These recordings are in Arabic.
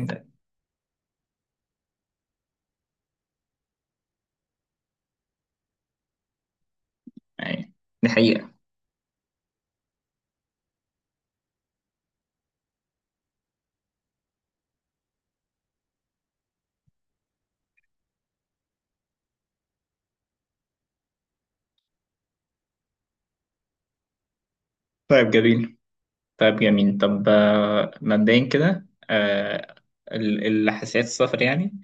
ده، يعني دي حقيقة. طيب جميل، طب مبدئيا كده، الحساسيات السفر يعني.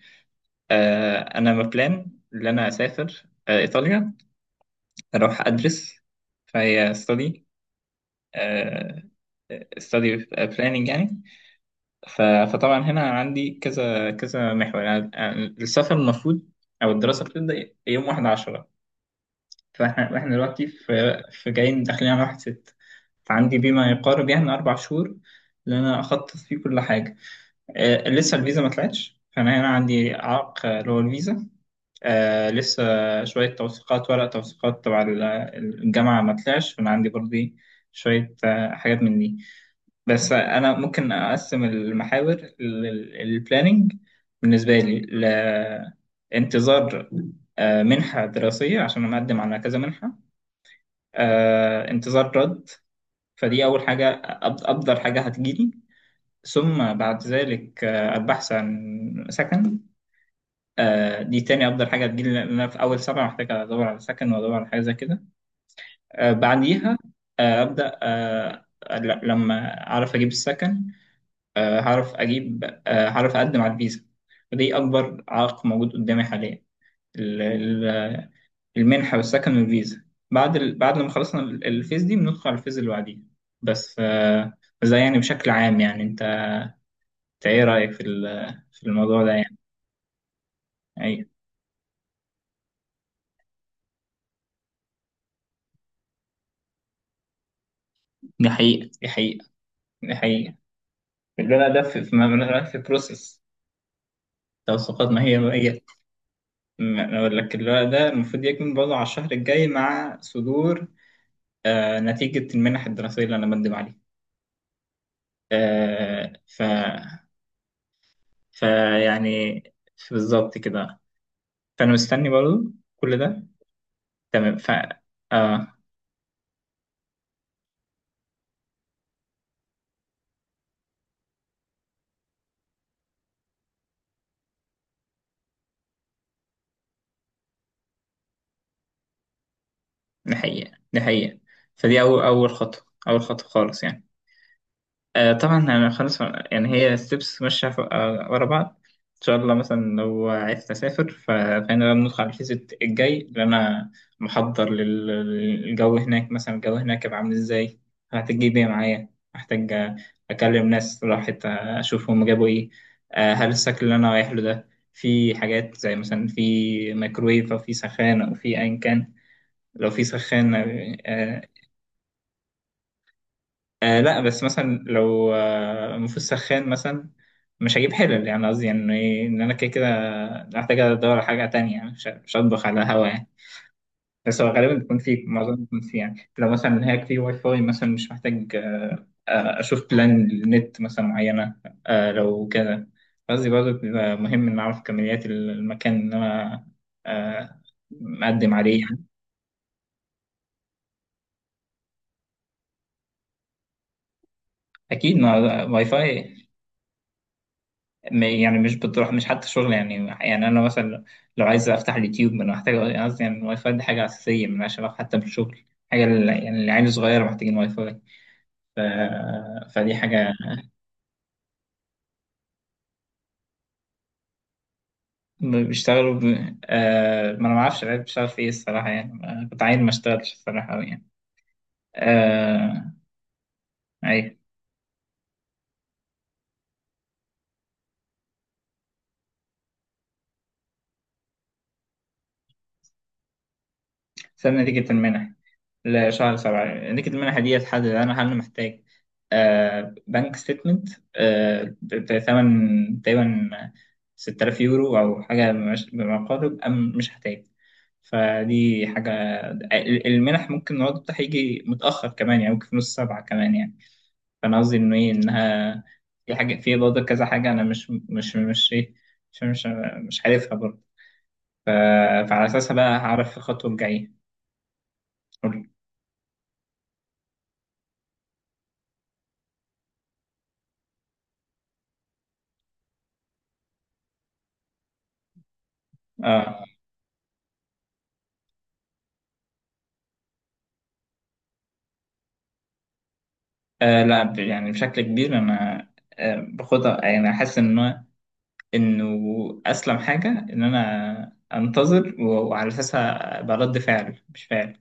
أنا مبلان إن أنا أسافر إيطاليا أروح أدرس، فهي ستادي، ستادي بلاننج يعني. ف- فطبعا هنا عندي كذا كذا محور، يعني السفر المفروض أو الدراسة بتبدأ يوم 1/10. فاحنا واحنا دلوقتي في جايين داخلين على 1/6، فعندي بيه ما يقارب يعني 4 شهور اللي أنا أخطط فيه كل حاجة. آه، لسه الفيزا ما طلعتش، فأنا هنا عندي عائق، اللي هو الفيزا. آه لسه شوية توثيقات، ورق توثيقات تبع الجامعة ما طلعش، فأنا عندي برضه إيه، شوية حاجات من دي. بس أنا ممكن أقسم المحاور، البلاننج بالنسبة لي لانتظار منحة دراسية، عشان أنا مقدم على كذا منحة. انتظار رد، فدي أول حاجة، أفضل حاجة هتجيلي. ثم بعد ذلك البحث عن سكن، دي تاني أفضل حاجة هتجيلي، لأن أنا في أول سبعة محتاج أدور على سكن وأدور على حاجة زي كده. بعديها آه، أبدأ آه، لما أعرف أجيب السكن، هعرف أجيب، هعرف أقدم على الفيزا، ودي أكبر عائق موجود قدامي حاليا: المنحة والسكن والفيزا. بعد لما خلصنا الفيز دي، بندخل على الفيز اللي بعديها. بس ف... بس ده يعني بشكل عام. يعني انت، انت ايه رأيك في الموضوع ده يعني؟ ايوه. دي حقيقة دي حقيقة. الورق ده في بروسس توثيقات. ما هي ما هي ما- أنا اقول لك، الورق ده المفروض يكمل برضه على الشهر الجاي، مع صدور آه نتيجة المنح الدراسية اللي انا بقدم عليها. آه ف... فيعني بالظبط كده، فانا مستني برضه كل ده. تمام. ف اه، دي حقيقة دي حقيقة. فدي أول خطوة، أول خطوة خالص يعني. آه، طبعا أنا خلاص يعني، هي ستيبس ماشية ورا بعض. إن شاء الله مثلا لو عرفت أسافر، ف- فأنا لما ندخل على الفيزيت الجاي اللي أنا محضر للجو هناك، مثلا الجو هناك هيبقى عامل إزاي، هحتاج أجيب إيه معايا. محتاج أكلم ناس راحت، أشوف هم جابوا إيه. هل السكن اللي أنا رايح له ده في حاجات زي مثلا في ميكرويف أو في سخان أو في أيا كان. لو في سخان آه. لا، بس مثلا لو آه مفيش سخان مثلا، مش هجيب حلل يعني، قصدي يعني إيه، ان انا كده كده محتاج ادور على حاجه تانية يعني. مش هطبخ على هوا يعني. بس هو غالبا بيكون فيه، معظم بيكون فيه يعني. لو مثلا هيك في واي فاي مثلا مش محتاج آه اشوف بلان للنت مثلا معينه. آه لو كده، قصدي برضه بيبقى مهم ان اعرف كميات المكان اللي انا آه مقدم عليه يعني. اكيد، ما واي فاي! يعني مش بتروح، مش حتى شغل يعني. يعني انا مثلا لو عايز افتح اليوتيوب، ما انا محتاج، قصدي يعني الواي فاي دي حاجه اساسيه ملهاش علاقه حتى بالشغل. حاجه يعني العيال الصغيره محتاجين واي فاي. ف... فدي حاجه. ب- بيشتغلوا ب... ما انا ما اعرفش العيال بتشتغل في ايه الصراحه يعني. كنت عايز ما اشتغلش الصراحه قوي يعني. آه... اي. سنه نتيجه المنح؟ لا، شهر سبعة. نكت المنحة دي هتحدد أنا هل أنا محتاج بنك ستيتمنت بثمن تقريبا 6000 يورو أو حاجة بما قارب، أم مش هحتاج. فدي حاجة. المنح ممكن العرض بتاعها يجي متأخر كمان يعني، ممكن في نص سبعة كمان يعني. فأنا قصدي إنه إيه، إنها في حاجة، في برضه كذا حاجة أنا مش إيه، مش مش مش عارفها برضه. ف- فعلى أساسها بقى هعرف في الخطوة الجاية. قول. آه لا، يعني بشكل كبير انا باخدها يعني. احس ان انه اسلم حاجه ان انا انتظر، و- وعلى اساسها أبقى رد فعل مش فعل،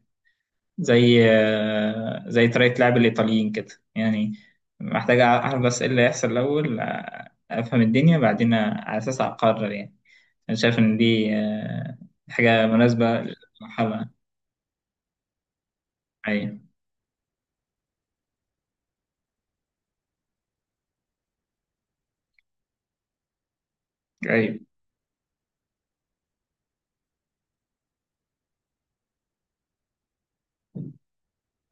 زي آه زي طريقه لعب الايطاليين كده يعني. محتاج اعرف بس ايه اللي هيحصل الاول، افهم الدنيا بعدين على اساسها اقرر يعني. انا شايف ان دي آه حاجه مناسبه للمرحله. ايوه، ايوه.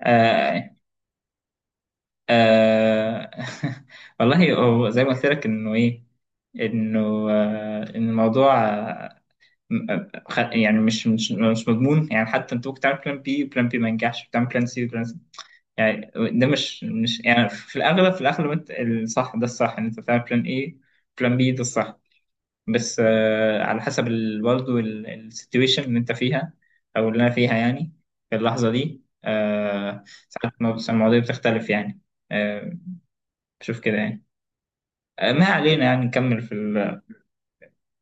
آه، آه، والله هو زي ما قلت لك، انه ايه، انه إن الموضوع يعني مش مضمون يعني. حتى انت ممكن تعمل بلان بي، بلان بي ما ينجحش، بتعمل بلان سي، بلان سي يعني. ده مش يعني. في الاغلب في الاغلب انت الصح، ده الصح ان انت تعمل بلان اي، بلان بي، ده الصح. بس على حسب برضه السيتويشن اللي انت فيها او اللي انا فيها يعني، في اللحظه دي. ساعات المواضيع بتختلف يعني. آه، بشوف كده يعني. ما علينا، يعني نكمل في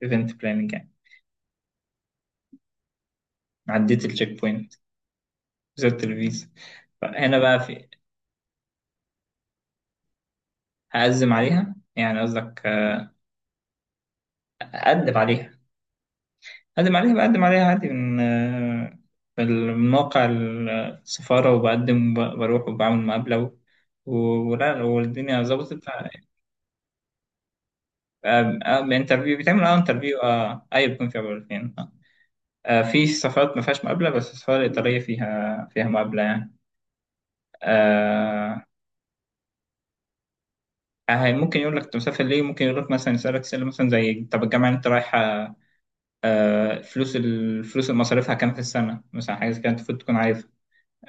الايفنت بلاننج. عديت التشيك بوينت، وصلت الفيزا. فهنا بقى في، هقدم عليها. يعني قصدك اقدم عليها؟ اقدم عليها، بقدم عليها عادي من من موقع السفارة، وبقدم وبروح وبعمل مقابلة. و... ولا والدنيا ظبطت، انترفيو. بيتعمل اه انترفيو، اه ايوه، بيكون فيها مقابلتين اه. في سفارات ما فيهاش مقابلة، بس السفارة الإيطالية فيها مقابلة يعني. آه... ممكن يقول لك انت مسافر ليه، ممكن يقول لك مثلا، يسألك سؤال مثلا زي طب الجامعة اللي انت رايحة، آه، فلوس الفلوس اللي مصاريفها كام في السنة مثلا، حاجة زي كده أنت المفروض تكون عارف.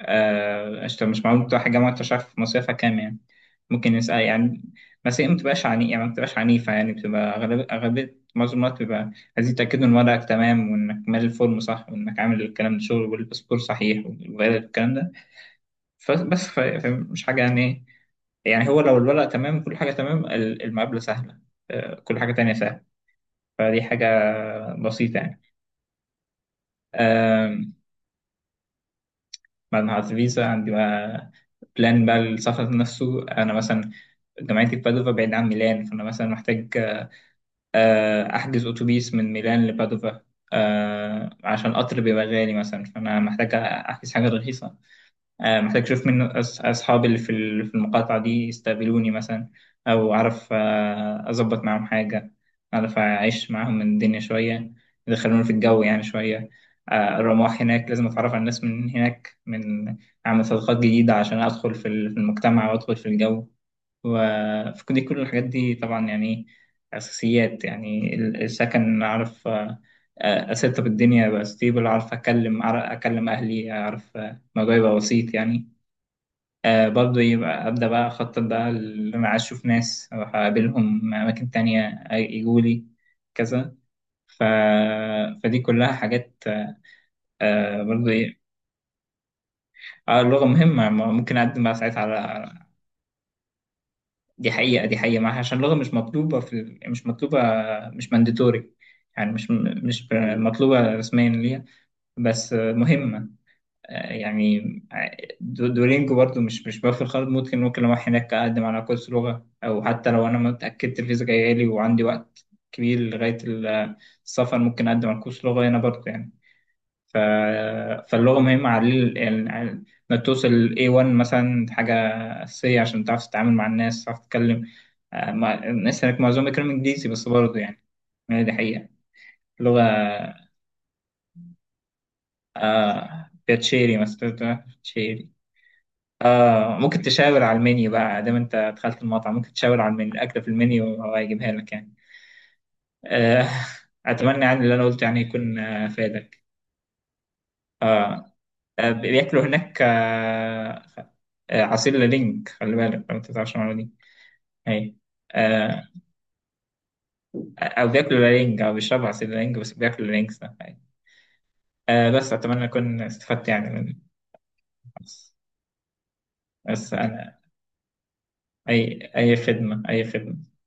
أنت مش معقول تروح الجامعة وأنت مش عارف مصاريفها كام يعني. ممكن يسأل يعني. بس هي ما بتبقاش عني يعني، ما بتبقاش عنيفة يعني. بتبقى أغلب، أغلبية معظم الوقت بيبقى عايزين يتأكدوا إن ورقك تمام، وإنك مالي الفورم صح، وإنك عامل الكلام ده شغل، والباسبور صحيح والفيزا والكلام ده. فبس ف- فمش حاجة يعني إيه. يعني هو لو الورق تمام، كل حاجة تمام، المقابلة سهلة. كل حاجة تانية سهلة. فدي حاجة بسيطة يعني. بعد ما حجزت فيزا عندي بقى، بلان بقى السفر نفسه. أنا مثلا جامعتي في بادوفا، بعيد عن ميلان، فأنا مثلا محتاج أحجز أتوبيس من ميلان لبادوفا، عشان القطر بيبقى غالي مثلا، فأنا محتاج أحجز حاجة رخيصة. محتاج أشوف منه أصحابي اللي في في المقاطعة دي يستقبلوني مثلا، أو أعرف أظبط معاهم حاجة، أعرف أعيش معاهم من الدنيا شوية، يدخلوني في الجو يعني شوية. الرماح هناك لازم أتعرف على الناس من هناك، من أعمل صداقات جديدة عشان أدخل في في المجتمع وأدخل في الجو. وفي كل دي، كل الحاجات دي طبعا يعني أساسيات. يعني السكن أعرف أسيطر الدنيا، أبقى ستيبل، أعرف أكلم أهلي، أعرف الموضوع يبقى بسيط يعني. آه برضه يبقى أبدأ بقى أخطط بقى اللي أنا عايز، أشوف ناس أروح أقابلهم، أماكن تانية يجوا لي، كذا. ف... فدي كلها حاجات آه برضه إيه. آه، اللغة مهمة، ما ممكن أقدم بقى ساعتها على، دي حقيقة، دي حقيقة معاها. عشان اللغة مش مطلوبة في مش مطلوبة، مش مانديتوري يعني. مش مطلوبة رسميا ليها، بس مهمة يعني. دولينجو برضو مش بوفر خالص. ممكن، ممكن لو أروح هناك أقدم على كورس لغة، أو حتى لو أنا ما اتأكدت الفيزا جاية لي وعندي وقت كبير لغاية السفر، ممكن أقدم على كورس لغة هنا برضو يعني. ف... فاللغة مهمة على يعني ما توصل ل A1 مثلا. حاجة أساسية، عشان تعرف تتعامل مع الناس، تعرف تتكلم مع الناس هناك. معظمهم بيتكلموا إنجليزي بس برضو يعني، يعني دي حقيقة لغة. بيتشيري مثلا. آه، ممكن تشاور على المنيو بقى دام انت دخلت المطعم، ممكن تشاور على المنيو، الاكل في المنيو وهو هيجيبها لك يعني. آه اتمنى يعني اللي انا قلته يعني يكون آه فادك. آه، بياكلوا هناك آه، عصير لالينج، خلي بالك لو انت تعرفش المعلومه دي. اي. آه، او بياكلوا لالينج، او بيشربوا عصير لالينج، بس بياكلوا لالينج ده أي. آه بس اتمنى اكون استفدت يعني من، بس، بس انا اي. اي خدمه، اي خدمه.